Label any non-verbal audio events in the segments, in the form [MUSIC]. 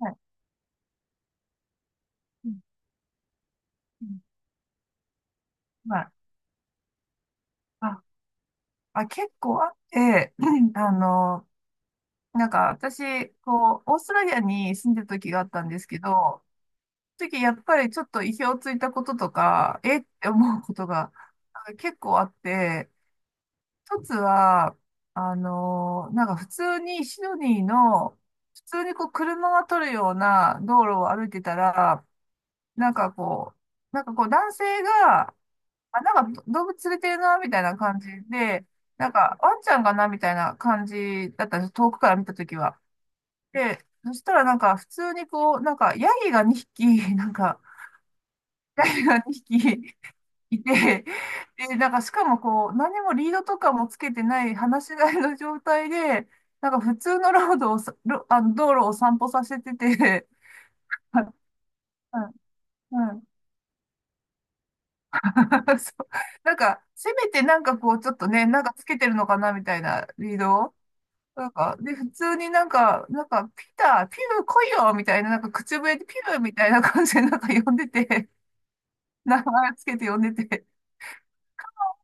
はい。うんうんはい。あ、結構あって、[CLEARS THROAT] あの、私、こう、オーストラリアに住んでた時があったんですけど、その時やっぱりちょっと意表をついたこととか、えって思うことが結構あって、一つは、あの、なんか普通にシドニーの、普通にこう車が通るような道路を歩いてたら、なんかこなんかこう男性が、あ、なんか動物連れてるな、みたいな感じで、なんかワンちゃんかな、みたいな感じだったんです、遠くから見たときは。で、そしたらなんか普通にこう、なんかヤギが2匹、[LAUGHS] なんか、ヤギが2匹 [LAUGHS] いて、で、なんかしかもこう、何もリードとかもつけてない、放し飼いの状態で、なんか普通のロードをさ、あの道路を散歩させてて、[LAUGHS] はい。うん、うん [LAUGHS] そう、なんか、せめてなんかこう、ちょっとね、なんかつけてるのかなみたいなリードを。なんか、で、普通になんか、ピター、ピル来いよみたいな、なんか口笛でピルみたいな感じでなんか呼んでて、[LAUGHS] 名前つけて呼んでて、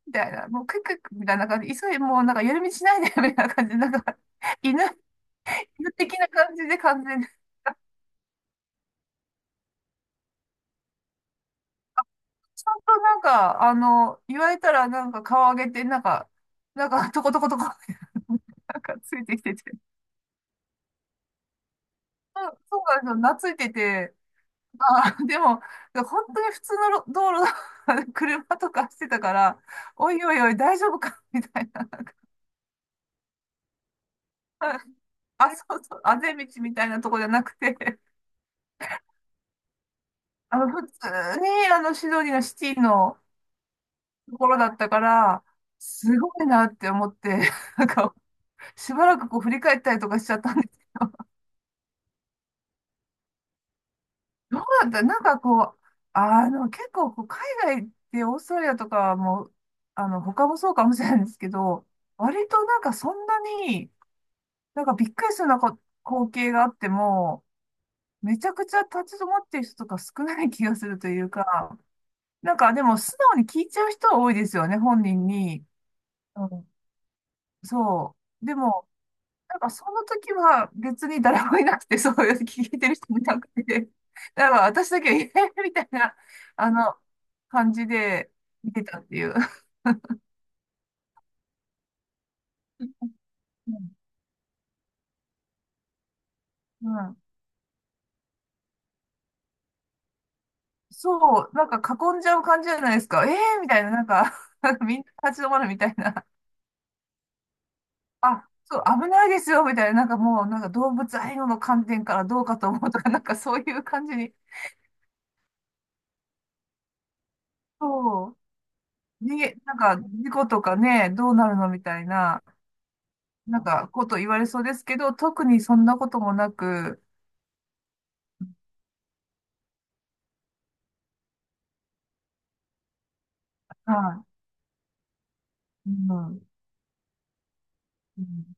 みたいな、もうクックックみたいな感じで、もうなんか夜道しないで、みたいな感じで、なんか、犬、犬的な感じで完全に、ちゃんとなんか、あの、言われたらなんか顔上げて、トコトコトコ、なんかついてきてて、そうそうなんですよ、懐いてて、あー、[LAUGHS] でも、本当に普通の道路だ、 [LAUGHS] 車とかしてたから、おいおいおい、大丈夫かみたいな。なんか、あ、そうそう、あぜ道みたいなとこじゃなくて、[LAUGHS] あの、普通に、あの、シドニーのシティのところだったから、すごいなって思って、[LAUGHS] なんか、しばらくこう振り返ったりとかしちゃったんです。どうだったなんかこう、あの、結構こう、海外ってオーストラリアとかも、あの、他もそうかもしれないんですけど、割となんかそんなに、なんかびっくりするようなこ光景があっても、めちゃくちゃ立ち止まってる人とか少ない気がするというか、なんかでも素直に聞いちゃう人は多いですよね、本人に。うん、そう。でも、なんかその時は別に誰もいなくて、そういう聞いてる人もいなくて、だから私だけ、えーみたいな、あの、感じで見てたっていう。うん、うんそう、なんか囲んじゃう感じじゃないですか。えーみたいな、なんか [LAUGHS] みんな立ち止まるみたいな。あ、そう、危ないですよ、みたいな、なんかもう、なんか動物愛護の観点からどうかと思うとか、[LAUGHS] なんかそういう感じに、そう、なんか事故とかね、どうなるのみたいな、なんかこと言われそうですけど、特にそんなこともなく、はい、うん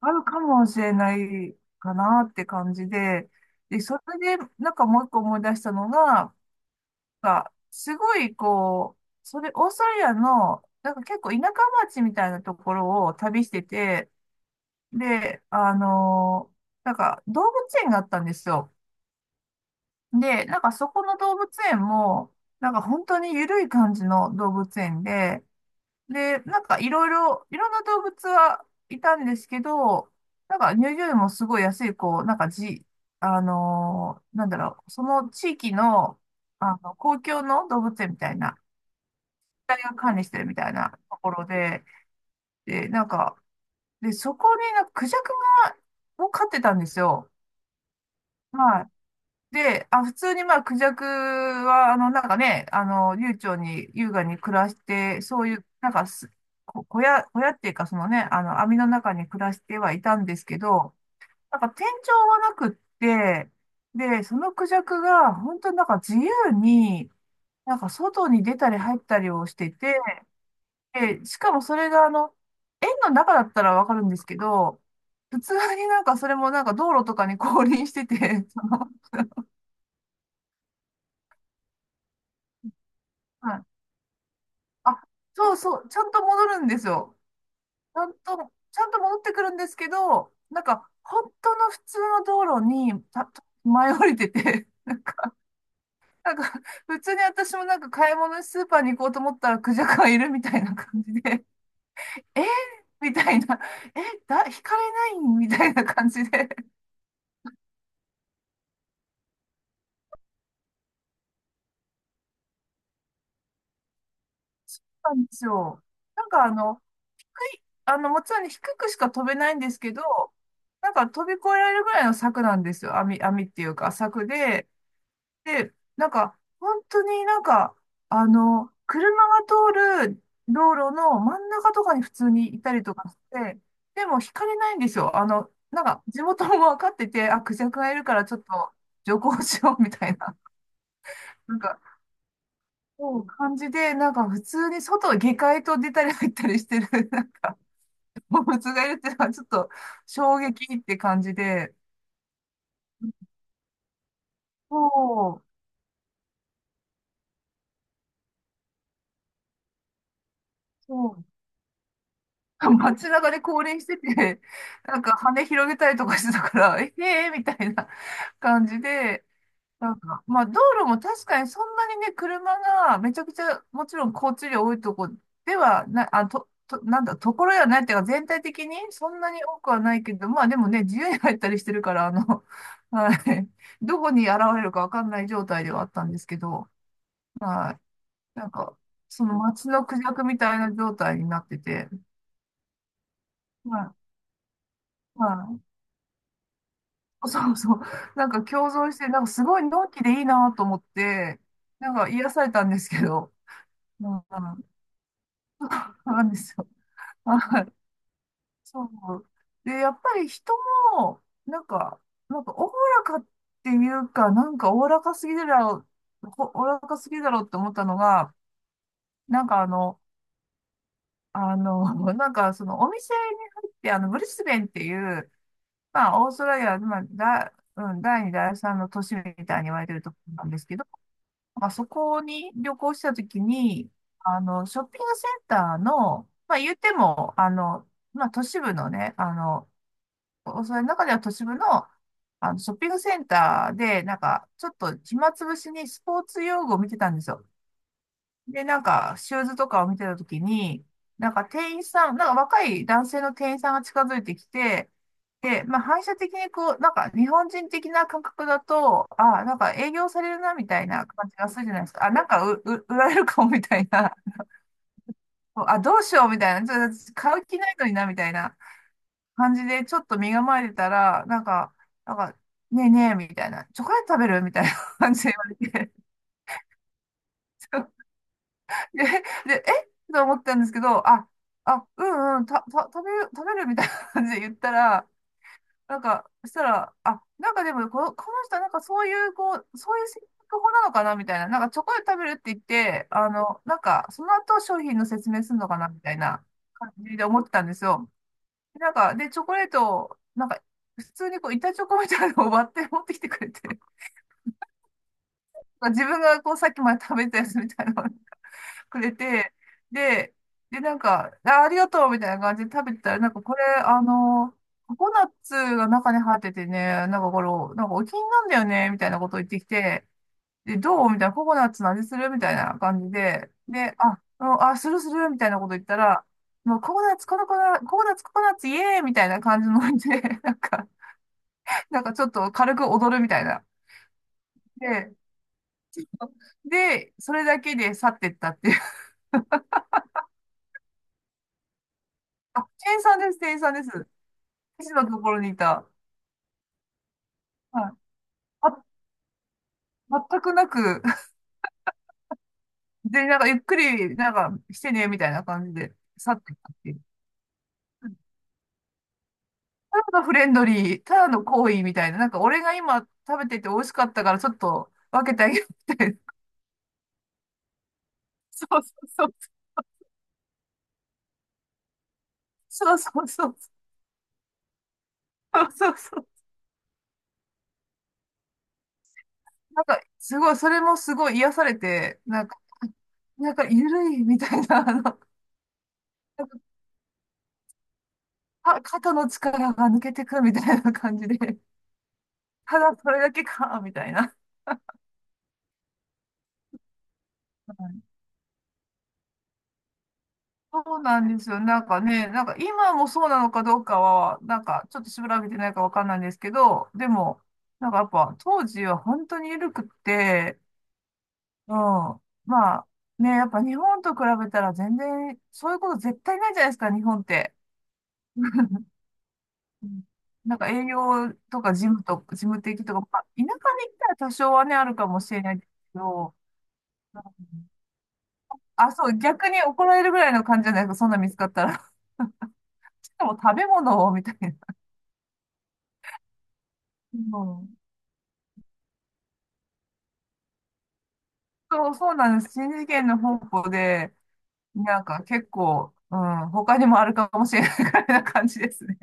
あるかもしれないかなって感じで、で、それで、なんかもう一個思い出したのが、なんかすごい、こう、それ、オーストラリアの、なんか結構田舎町みたいなところを旅してて、で、なんか動物園があったんですよ。で、なんかそこの動物園も、なんか本当に緩い感じの動物園で、で、なんかいろいろ、いろんな動物はいたんですけど、なんか入場料もすごい安い、こう、なんかじ、あのーなんだろう、その地域の、あの、公共の動物園みたいな、大が管理してるみたいなところで、で、なんか、で、そこになんかクジャクが、を飼ってたんですよ。はい。で、あ、普通にまあ、クジャクは、あの、なんかね、あの、流暢に優雅に暮らして、そういう、なんかす、こ小屋、小屋っていうか、そのね、あの、網の中に暮らしてはいたんですけど、なんか天井はなくって、で、そのクジャクが、本当になんか自由に、なんか外に出たり入ったりをしてて、で、しかもそれが、あの、園の中だったらわかるんですけど、普通になんかそれもなんか道路とかに [LAUGHS] 降臨してて、その、はい、あ、そうそう、ちゃんと戻るんですよ。ちゃんと、ちゃんと戻ってくるんですけど、なんか、本当の普通の道路に、前降りてて、[LAUGHS] なんか、なんか、普通に私もなんか買い物にスーパーに行こうと思ったらクジャクがいるみたいな感じで、[LAUGHS] えーみたいな、え、だ、引かれないみたいな感じで、なんでしょう。なんかあの、低い、あの、もちろんね低くしか飛べないんですけど、なんか飛び越えられるぐらいの柵なんですよ。網っていうか、柵で、で、なんか、本当になんか、あの、車が通る道路の真ん中とかに普通にいたりとかして、でも引かれないんですよ。あの、なんか、地元も分かってて、あ、クジャクがいるからちょっと徐行しようみたいな、なんか、そういう感じで、なんか普通に外、下界と出たり入ったりしてる、[LAUGHS] なんか、動物がいるっていうのはちょっと衝撃って感じで、そう、そう、 [LAUGHS] 街中で降臨してて、なんか羽広げたりとかしてたから、[LAUGHS] えへえみたいな感じで、なんか、まあ道路も確かにそんなにね、車がめちゃくちゃ、もちろん交通量多いとこではな、あ、と、と、なんだ、ところやないっていうか全体的にそんなに多くはないけど、まあでもね、自由に入ったりしてるから、あの、[LAUGHS] はい、どこに現れるかわかんない状態ではあったんですけど、はい、なんか、その街のクジャクみたいな状態になってて、はい。はい、そうそう。なんか共存して、なんかすごいのんきでいいなと思って、なんか癒されたんですけど、うん、なんですよ。はい。そう。で、やっぱり人も、なんか、なんかおおらかっていうか、なんかおおらかすぎるだろう、ほおおらかすぎだろうって思ったのが、なんかあの、あの、なんかそのお店に入って、あの、ブリスベンっていう、まあ、オーストラリア、まあ、だ、うん、第2、第3の都市みたいに言われてるところなんですけど、まあそこに旅行したときに、あの、ショッピングセンターの、まあ言っても、あの、まあ都市部のね、あの、それの中では都市部の、あの、ショッピングセンターで、なんか、ちょっと暇つぶしにスポーツ用具を見てたんですよ。で、なんか、シューズとかを見てたときに、なんか店員さん、なんか若い男性の店員さんが近づいてきて、で、まあ反射的にこう、なんか日本人的な感覚だと、ああ、なんか営業されるなみたいな感じがするじゃないですか。あ、なんか売られるかもみたいな。あ、どうしようみたいな。ちょっと買う気ないのになみたいな感じで、ちょっと身構えてたら、なんか、ねえねえみたいな。チョコレート食べるみたいな感じで言われて。[LAUGHS] で、で、えと思ったんですけど、あ、うんうん、食べるみたいな感じで言ったら、なんか、そしたら、あ、なんかでもこの、この人なんかそういう、こう、そういう性格法なのかなみたいな、なんかチョコレート食べるって言って、あの、なんか、その後商品の説明するのかなみたいな感じで思ってたんですよ。なんか、で、チョコレートを、なんか、普通にこう、板チョコみたいなのを割って持ってきてくれて、自分がこう、さっきまで食べたやつみたいなのをくれて、で、で、なんか、あ、ありがとうみたいな感じで食べてたら、なんかこれ、あの、ココナッツが中に入っててね、なんかこれ、なんかお気に入りなんだよね、みたいなことを言ってきて、で、どうみたいな、ココナッツの味するみたいな感じで、で、あ、うんあ、するするみたいなこと言ったら、もうココナッツ、ココナッツ、ココナッツ、イエーイみたいな感じのノリで、[LAUGHS] なんかちょっと軽く踊るみたいな。で、で、それだけで去ってったっていう。あ、店員さんです、店員さんです。私のところにいた。はい。あ、全くなく、[LAUGHS] で、なんかゆっくり、なんかしてね、みたいな感じで、去っていったっていう。ただのフレンドリー、ただの好意みたいな、なんか俺が今食べてて美味しかったからちょっと分けてあげようみたいな。そうそうそう。そうそうそう。そうそうそう。なんか、すごい、それもすごい癒されて、なんか、なんかゆるいみたいな、あの、なんか肩の力が抜けてくみたいな感じで、ただそれだけか、みたいな。そうなんですよ。なんかね、なんか今もそうなのかどうかは、なんかちょっと調べてないかわかんないんですけど、でも、なんかやっぱ当時は本当に緩くって、うん。まあね、やっぱ日本と比べたら全然そういうこと絶対ないじゃないですか、日本って。うん、なんか営業とか事務と、事務的とか、まあ、田舎に行ったら多少はね、あるかもしれないけど、あ、そう、逆に怒られるぐらいの感じじゃないですか、そんな見つかったら。[LAUGHS] しかも食べ物を、みたいな。うん、そう、そうなんです。新次元の方向で、なんか結構、うん、他にもあるかもしれない [LAUGHS] からな感じですね。